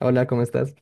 Hola, ¿cómo estás?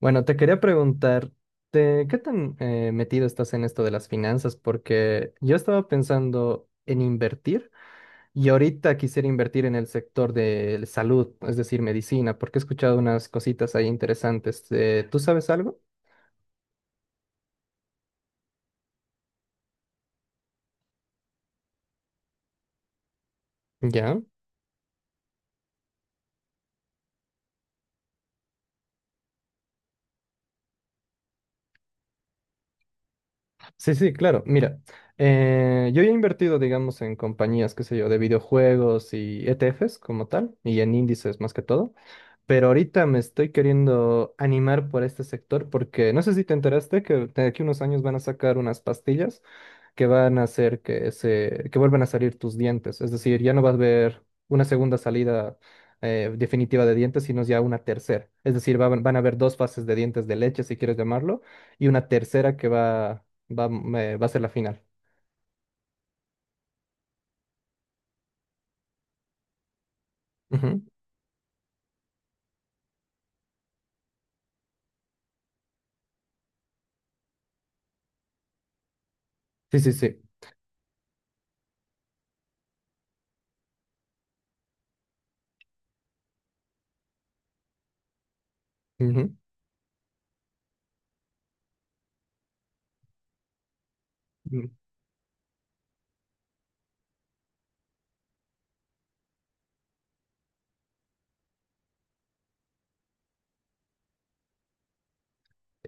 Bueno, te quería preguntar, ¿qué tan metido estás en esto de las finanzas? Porque yo estaba pensando en invertir y ahorita quisiera invertir en el sector de salud, es decir, medicina, porque he escuchado unas cositas ahí interesantes. ¿Tú sabes algo? Ya. Sí, sí, claro. Mira, yo ya he invertido, digamos, en compañías, qué sé yo, de videojuegos y ETFs como tal, y en índices más que todo. Pero ahorita me estoy queriendo animar por este sector porque no sé si te enteraste que de aquí a unos años van a sacar unas pastillas que van a hacer que vuelvan a salir tus dientes. Es decir, ya no vas a ver una segunda salida definitiva de dientes, sino ya una tercera. Es decir, van a haber dos fases de dientes de leche, si quieres llamarlo, y una tercera que va, va, eh, va a ser la final. Ujú. Sí, sí, sí. Ujú. Mm.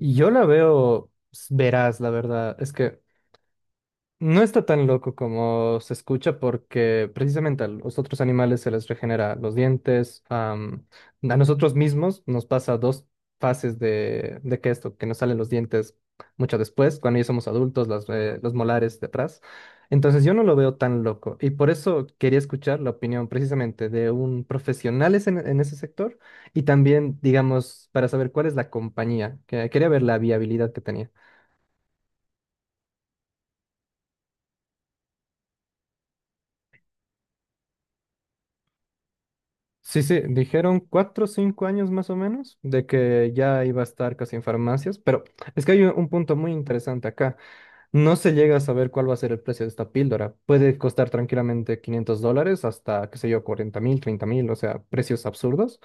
Yo la veo veraz, la verdad. Es que no está tan loco como se escucha porque precisamente a los otros animales se les regenera los dientes. A nosotros mismos nos pasa dos fases de que nos salen los dientes mucho después, cuando ya somos adultos, los molares de atrás. Entonces yo no lo veo tan loco y por eso quería escuchar la opinión precisamente de un profesional en ese sector y también, digamos, para saber cuál es la compañía. Quería ver la viabilidad que tenía. Sí, sí, dijeron 4 o 5 años más o menos de que ya iba a estar casi en farmacias, pero es que hay un punto muy interesante acá. No se llega a saber cuál va a ser el precio de esta píldora. Puede costar tranquilamente $500 hasta, qué sé yo, 40 mil, 30 mil, o sea, precios absurdos.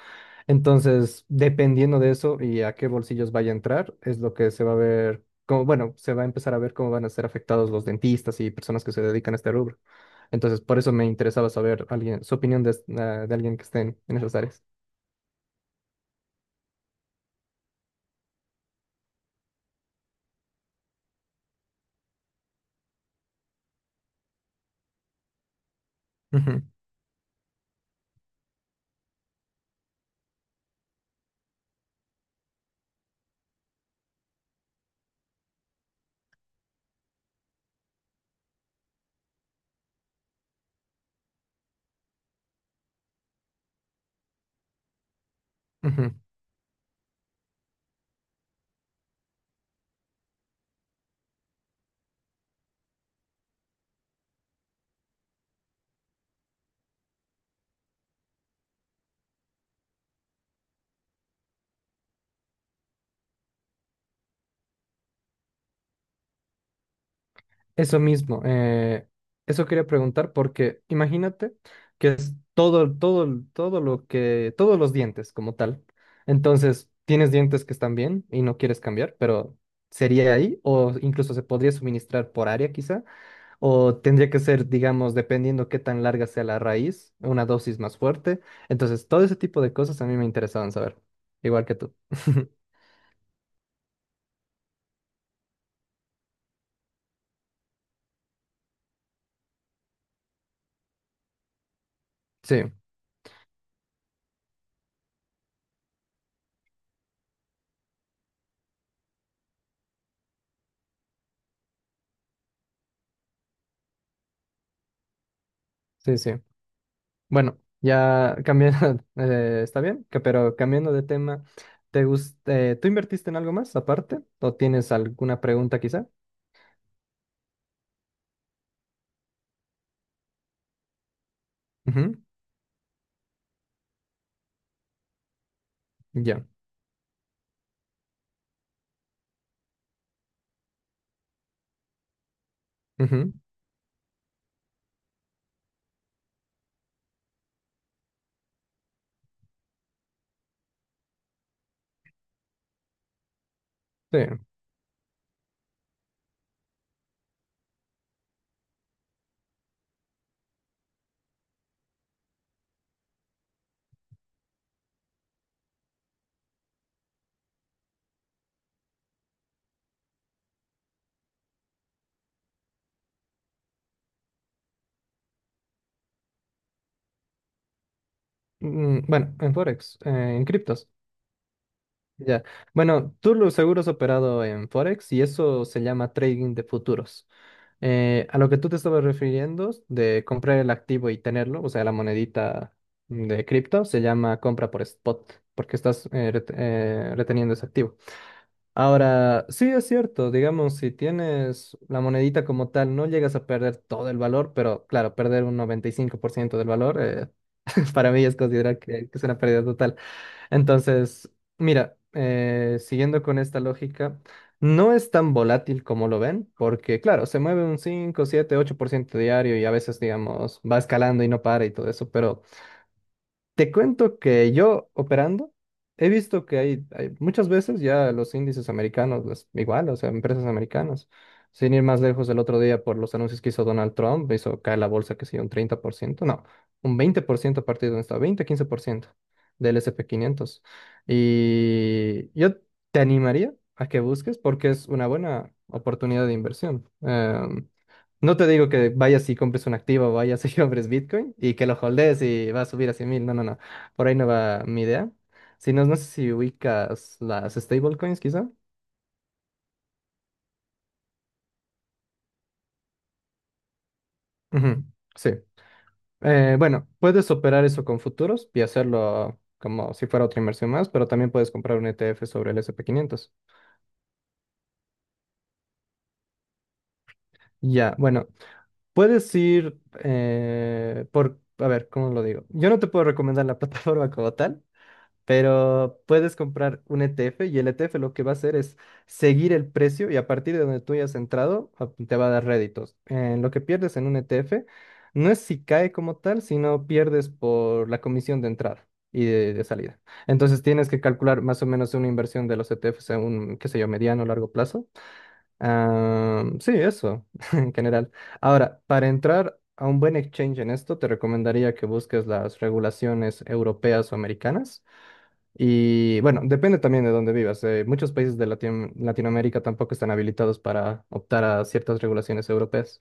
Entonces, dependiendo de eso y a qué bolsillos vaya a entrar, es lo que se va a ver, como, bueno, se va a empezar a ver cómo van a ser afectados los dentistas y personas que se dedican a este rubro. Entonces, por eso me interesaba saber alguien, su opinión de, de alguien que esté en esas áreas. Ujú, ujú. Eso mismo, eso quería preguntar porque imagínate que es todo, todo, todo todos los dientes como tal. Entonces, tienes dientes que están bien y no quieres cambiar, pero ¿sería ahí? O incluso se podría suministrar por área quizá, o tendría que ser, digamos, dependiendo qué tan larga sea la raíz, una dosis más fuerte. Entonces, todo ese tipo de cosas a mí me interesaban saber, igual que tú. Sí, sí, sí. Bueno, ya cambiando, está bien, pero cambiando de tema, ¿tú invertiste en algo más aparte? ¿O tienes alguna pregunta quizá? Ujú. Ya. Ujú. Sí. Mm, bueno, en Forex, en criptos. Ya. Bueno, tú lo seguro has operado en Forex y eso se llama trading de futuros. A lo que tú te estabas refiriendo de comprar el activo y tenerlo, o sea, la monedita de cripto, se llama compra por spot, porque estás reteniendo ese activo. Ahora, sí es cierto, digamos, si tienes la monedita como tal, no llegas a perder todo el valor, pero claro, perder un 95% del valor, para mí es considerar que es una pérdida total. Entonces, mira, siguiendo con esta lógica, no es tan volátil como lo ven, porque claro, se mueve un 5, 7, 8% diario y a veces, digamos, va escalando y no para y todo eso, pero te cuento que yo operando he visto que hay muchas veces ya los índices americanos, igual, o sea, empresas americanas, sin ir más lejos el otro día por los anuncios que hizo Donald Trump, hizo caer la bolsa, que sé yo, un 30% no, un 20% a partir de donde estaba, 20, 15% del S&P 500. Y yo te animaría a que busques porque es una buena oportunidad de inversión. No te digo que vayas y compres un activo, vayas y compres Bitcoin y que lo holdes y va a subir a 100.000. No, no, no. Por ahí no va mi idea. Si no, no sé si ubicas las stablecoins, quizá. Ujú. Sí. Bueno, puedes operar eso con futuros y hacerlo como si fuera otra inversión más, pero también puedes comprar un ETF sobre el S&P 500. Ya, bueno, puedes ir a ver, ¿cómo lo digo? Yo no te puedo recomendar la plataforma como tal. Pero puedes comprar un ETF y el ETF lo que va a hacer es seguir el precio y a partir de donde tú hayas entrado te va a dar réditos. En lo que pierdes en un ETF no es si cae como tal, sino pierdes por la comisión de entrada y de salida. Entonces tienes que calcular más o menos una inversión de los ETFs a un, qué sé yo, mediano o largo plazo. Ah, sí, eso en general. Ahora, para entrar a un buen exchange en esto, te recomendaría que busques las regulaciones europeas o americanas. Y bueno, depende también de dónde vivas. Muchos países de Latinoamérica tampoco están habilitados para optar a ciertas regulaciones europeas.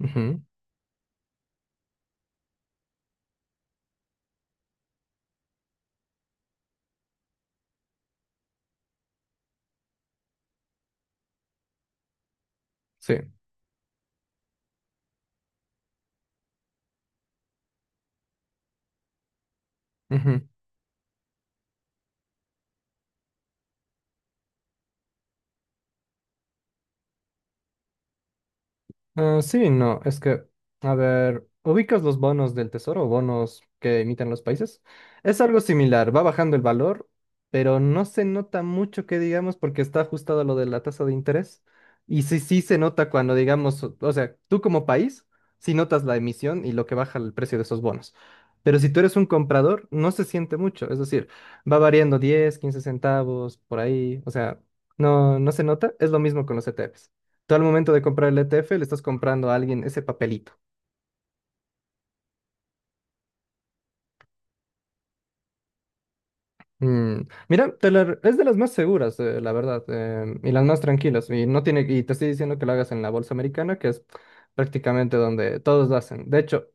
Ujú, sí. Ujú. Ah, sí, no, es que, a ver, ubicas los bonos del tesoro, bonos que emiten los países. Es algo similar, va bajando el valor, pero no se nota mucho que digamos porque está ajustado a lo de la tasa de interés. Y sí, sí se nota cuando digamos, o sea, tú como país, sí notas la emisión y lo que baja el precio de esos bonos. Pero si tú eres un comprador, no se siente mucho, es decir, va variando 10, 15 centavos por ahí, o sea, no, no se nota. Es lo mismo con los ETFs. Tú al momento de comprar el ETF le estás comprando a alguien ese papelito. Mm. Mira, te la es de las más seguras, la verdad, y las más tranquilas. Y no tiene, y te estoy diciendo que lo hagas en la bolsa americana, que es prácticamente donde todos lo hacen. De hecho,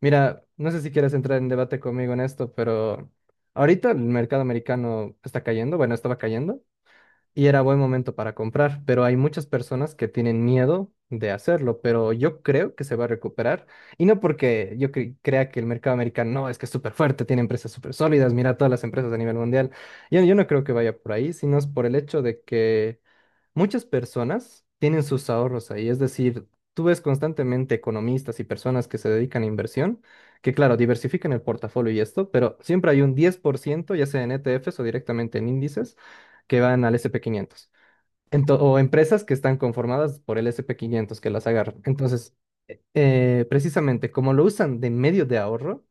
mira, no sé si quieres entrar en debate conmigo en esto, pero ahorita el mercado americano está cayendo, bueno, estaba cayendo. Y era buen momento para comprar, pero hay muchas personas que tienen miedo de hacerlo, pero yo creo que se va a recuperar y no porque yo crea que el mercado americano no, es que es súper fuerte, tiene empresas súper sólidas, mira todas las empresas a nivel mundial. Yo no creo que vaya por ahí, sino es por el hecho de que muchas personas tienen sus ahorros ahí, es decir, tú ves constantemente economistas y personas que se dedican a inversión, que claro, diversifican el portafolio y esto, pero siempre hay un 10% ya sea en ETFs o directamente en índices, que van al S&P 500, o empresas que están conformadas por el S&P 500 que las agarran. Entonces, precisamente como lo usan de medio de ahorro,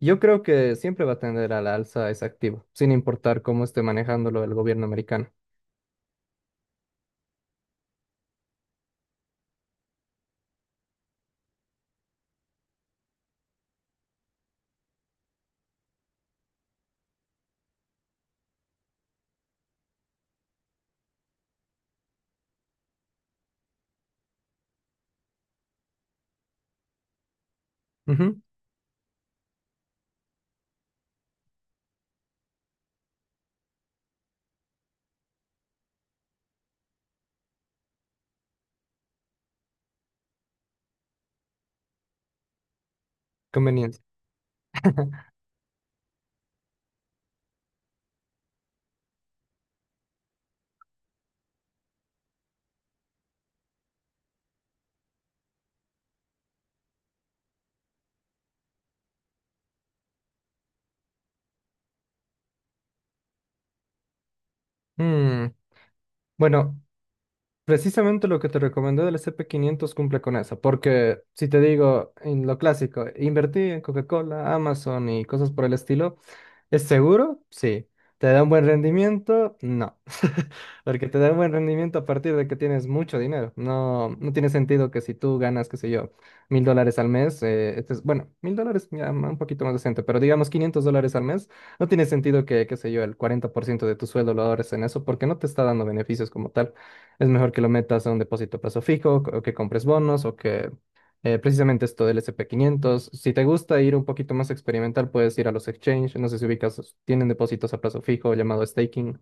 yo creo que siempre va a tender a la alza ese activo, sin importar cómo esté manejándolo el gobierno americano. Ujú. Conveniencia. Bueno, precisamente lo que te recomendé del sp quinientos cumple con eso, porque si te digo en lo clásico, invertí en Coca-Cola, Amazon y cosas por el estilo. ¿Es seguro? Sí. ¿Te da un buen rendimiento? No. Porque te da un buen rendimiento a partir de que tienes mucho dinero. No, no tiene sentido que si tú ganas, qué sé yo, $1000 al mes, bueno, $1000 ya un poquito más decente, pero digamos $500 al mes, no tiene sentido que, qué sé yo, el 40% de tu sueldo lo ahorres en eso porque no te está dando beneficios como tal. Es mejor que lo metas a un depósito a plazo fijo o que compres bonos o que precisamente esto del S&P 500. Si te gusta ir un poquito más experimental, puedes ir a los exchange. No sé si ubicas, tienen depósitos a plazo fijo llamado staking.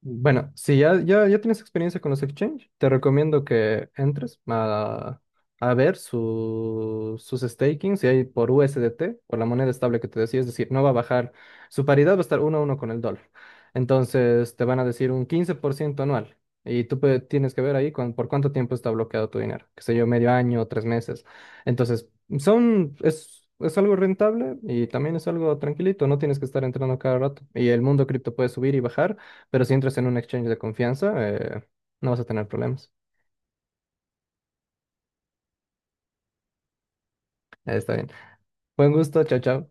Bueno, si ya tienes experiencia con los exchange, te recomiendo que entres a ver sus stakings, si hay por USDT, por la moneda estable que te decía, es decir, no va a bajar, su paridad va a estar uno a uno con el dólar. Entonces te van a decir un 15% anual y tú tienes que ver ahí con, por cuánto tiempo está bloqueado tu dinero, qué sé yo, medio año, 3 meses. Entonces, es algo rentable y también es algo tranquilito, no tienes que estar entrando cada rato y el mundo cripto puede subir y bajar. Pero si entras en un exchange de confianza, no vas a tener problemas. Está bien. Buen gusto, chao, chao.